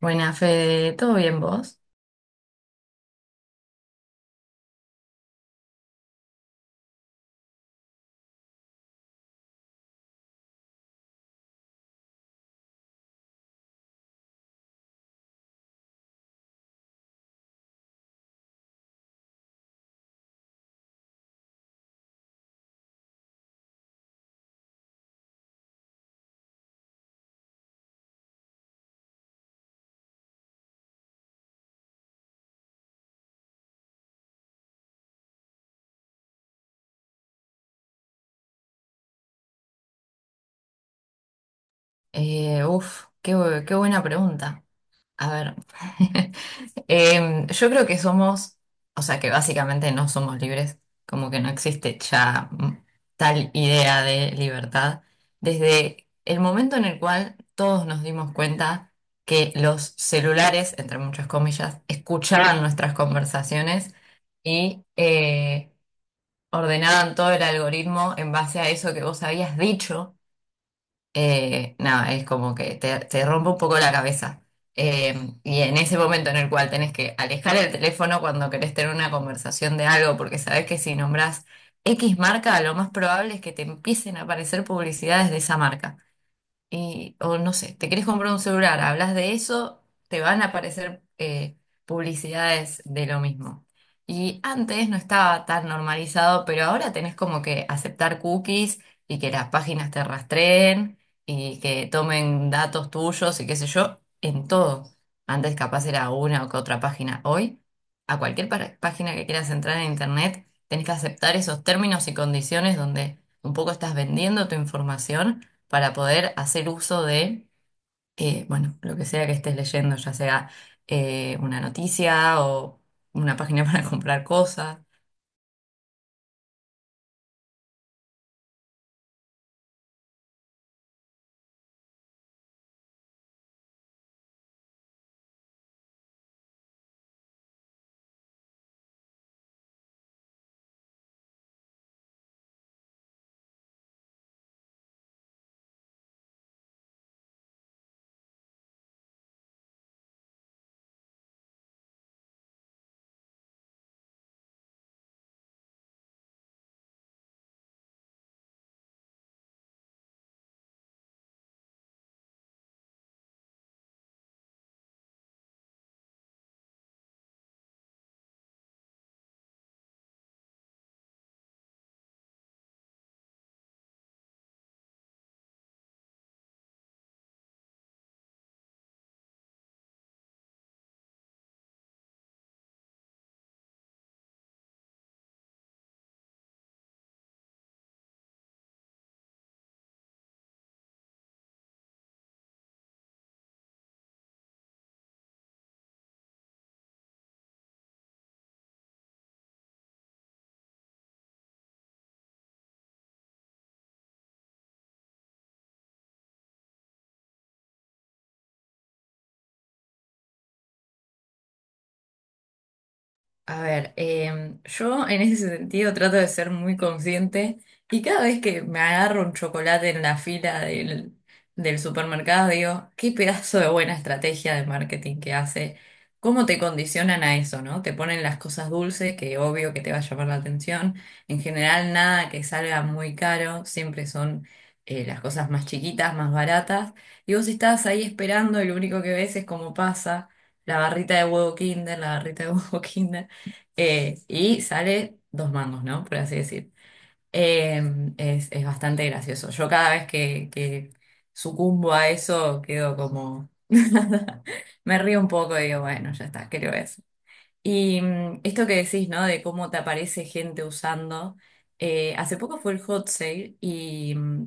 Buena, Fede, ¿todo bien vos? Qué buena pregunta. A ver, yo creo que somos, o sea, que básicamente no somos libres, como que no existe ya tal idea de libertad, desde el momento en el cual todos nos dimos cuenta que los celulares, entre muchas comillas, escuchaban nuestras conversaciones y ordenaban todo el algoritmo en base a eso que vos habías dicho. Nada, es como que te rompe un poco la cabeza. Y en ese momento en el cual tenés que alejar el teléfono cuando querés tener una conversación de algo, porque sabés que si nombrás X marca, lo más probable es que te empiecen a aparecer publicidades de esa marca, o no sé, te querés comprar un celular, hablas de eso, te van a aparecer publicidades de lo mismo. Y antes no estaba tan normalizado, pero ahora tenés como que aceptar cookies y que las páginas te rastreen y que tomen datos tuyos y qué sé yo, en todo. Antes capaz era una o que otra página. Hoy, a cualquier página que quieras entrar en internet, tenés que aceptar esos términos y condiciones donde un poco estás vendiendo tu información para poder hacer uso de, bueno, lo que sea que estés leyendo, ya sea una noticia o una página para comprar cosas. A ver, yo en ese sentido trato de ser muy consciente y cada vez que me agarro un chocolate en la fila del supermercado, digo, qué pedazo de buena estrategia de marketing que hace, cómo te condicionan a eso, ¿no? Te ponen las cosas dulces, que obvio que te va a llamar la atención. En general, nada que salga muy caro, siempre son las cosas más chiquitas, más baratas. Y vos estás ahí esperando y lo único que ves es cómo pasa. La barrita de huevo Kinder, la barrita de huevo Kinder. Y sale dos mangos, ¿no? Por así decir. Eh, es bastante gracioso. Yo cada vez que sucumbo a eso quedo como... Me río un poco y digo, bueno, ya está, creo eso. Y esto que decís, ¿no? De cómo te aparece gente usando. Hace poco fue el hot sale y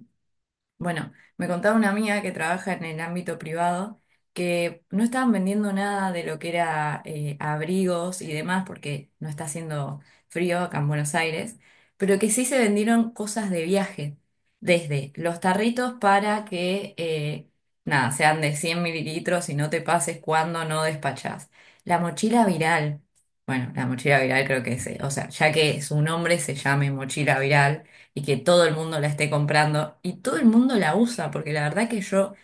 bueno, me contaba una amiga que trabaja en el ámbito privado que no estaban vendiendo nada de lo que era abrigos y demás porque no está haciendo frío acá en Buenos Aires, pero que sí se vendieron cosas de viaje, desde los tarritos para que, nada, sean de 100 mililitros y no te pases cuando no despachás. La mochila viral, bueno, la mochila viral creo que es, o sea, ya que su nombre se llame mochila viral y que todo el mundo la esté comprando y todo el mundo la usa, porque la verdad que yo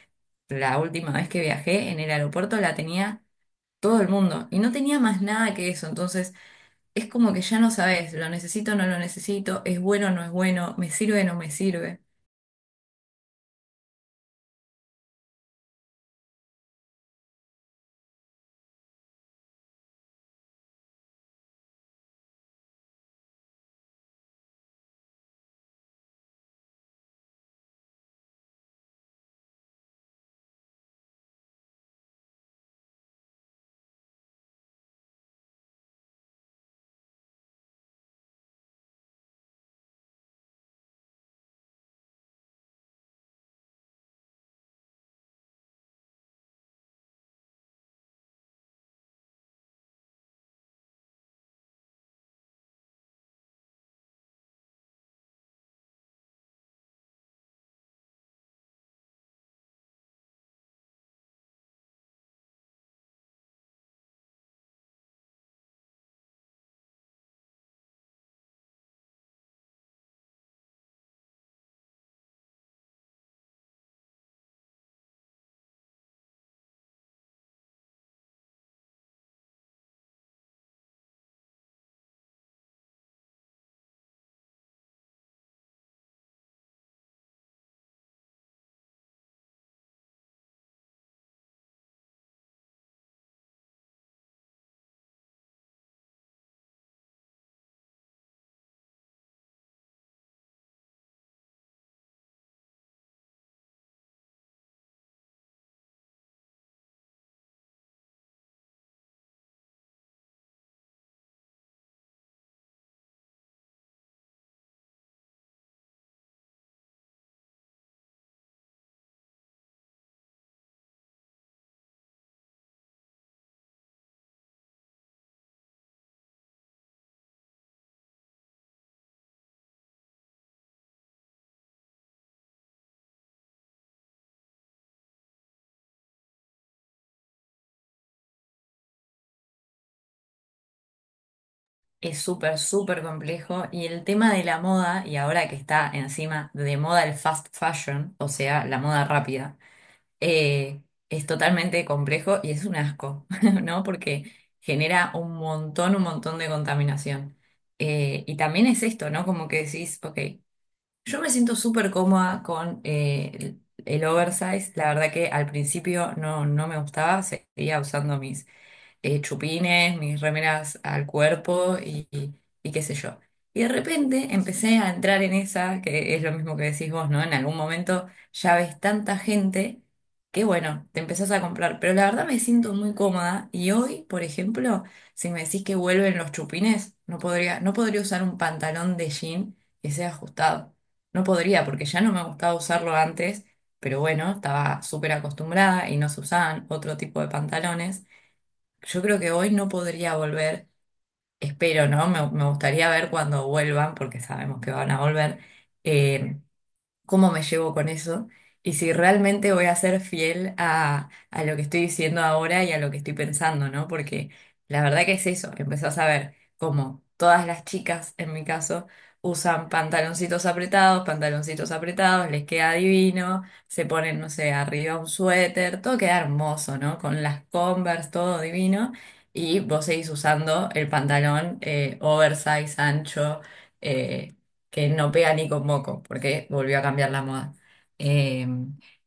la última vez que viajé en el aeropuerto la tenía todo el mundo y no tenía más nada que eso, entonces es como que ya no sabes, lo necesito o no lo necesito, es bueno o no es bueno, me sirve o no me sirve. Es súper, súper complejo y el tema de la moda, y ahora que está encima de moda el fast fashion, o sea, la moda rápida. eh, es totalmente complejo y es un asco, ¿no? Porque genera un montón de contaminación. Y también es esto, ¿no? Como que decís, ok, yo me siento súper cómoda con el oversize. La verdad que al principio no, no me gustaba, seguía usando mis chupines, mis remeras al cuerpo y qué sé yo. Y de repente empecé a entrar en esa, que es lo mismo que decís vos, ¿no? En algún momento ya ves tanta gente que bueno, te empezás a comprar. Pero la verdad me siento muy cómoda y hoy, por ejemplo, si me decís que vuelven los chupines, no podría, no podría usar un pantalón de jean que sea ajustado. No podría, porque ya no me gustaba usarlo antes, pero bueno, estaba súper acostumbrada y no se usaban otro tipo de pantalones. Yo creo que hoy no podría volver, espero, ¿no? Me gustaría ver cuando vuelvan, porque sabemos que van a volver, eh, cómo me llevo con eso y si realmente voy a ser fiel a lo que estoy diciendo ahora y a lo que estoy pensando, ¿no? Porque la verdad que es eso, empezás a ver cómo todas las chicas, en mi caso, usan pantaloncitos apretados, les queda divino, se ponen, no sé, arriba un suéter, todo queda hermoso, ¿no? Con las Converse, todo divino. Y vos seguís usando el pantalón oversize, ancho, eh, que no pega ni con moco, porque volvió a cambiar la moda. Eh,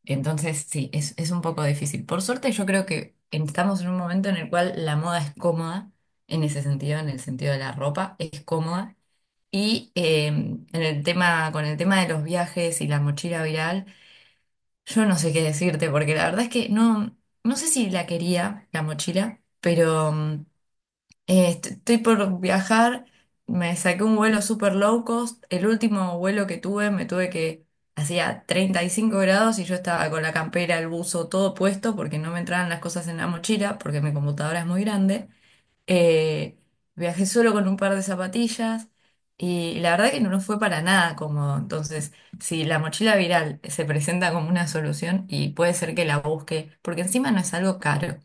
entonces, sí, es un poco difícil. Por suerte, yo creo que estamos en un momento en el cual la moda es cómoda, en ese sentido, en el sentido de la ropa, es cómoda. Y en el tema, con el tema de los viajes y la mochila viral, yo no sé qué decirte, porque la verdad es que no, no sé si la quería, la mochila, pero... estoy por viajar, me saqué un vuelo super low cost, el último vuelo que tuve me tuve que, hacía 35 grados y yo estaba con la campera, el buzo, todo puesto porque no me entraban las cosas en la mochila porque mi computadora es muy grande. Eh, Viajé solo con un par de zapatillas y la verdad que no nos fue para nada cómodo. Entonces, si la mochila viral se presenta como una solución y puede ser que la busque, porque encima no es algo caro.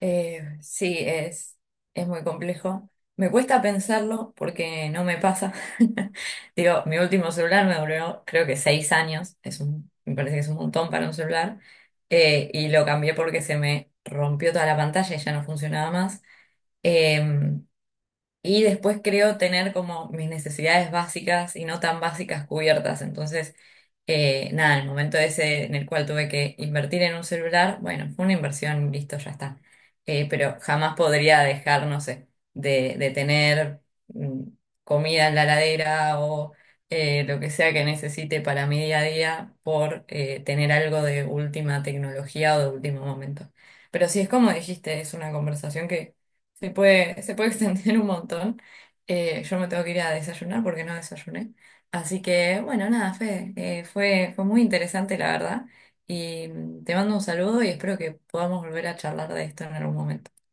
Sí, es muy complejo. Me cuesta pensarlo porque no me pasa. Digo, mi último celular me duró creo que 6 años. Es un, me parece que es un montón para un celular. Y lo cambié porque se me rompió toda la pantalla y ya no funcionaba más. Eh, y después creo tener como mis necesidades básicas y no tan básicas cubiertas. Entonces nada, el momento ese en el cual tuve que invertir en un celular, bueno, fue una inversión, listo, ya está. Pero jamás podría dejar, no sé, de tener mm, comida en la heladera o lo que sea que necesite para mi día a día por tener algo de última tecnología o de último momento. Pero sí, es como dijiste, es una conversación que se puede extender un montón. Yo me tengo que ir a desayunar porque no desayuné. Así que, bueno, nada, Fede, fue muy interesante, la verdad. Y te mando un saludo y espero que podamos volver a charlar de esto en algún momento.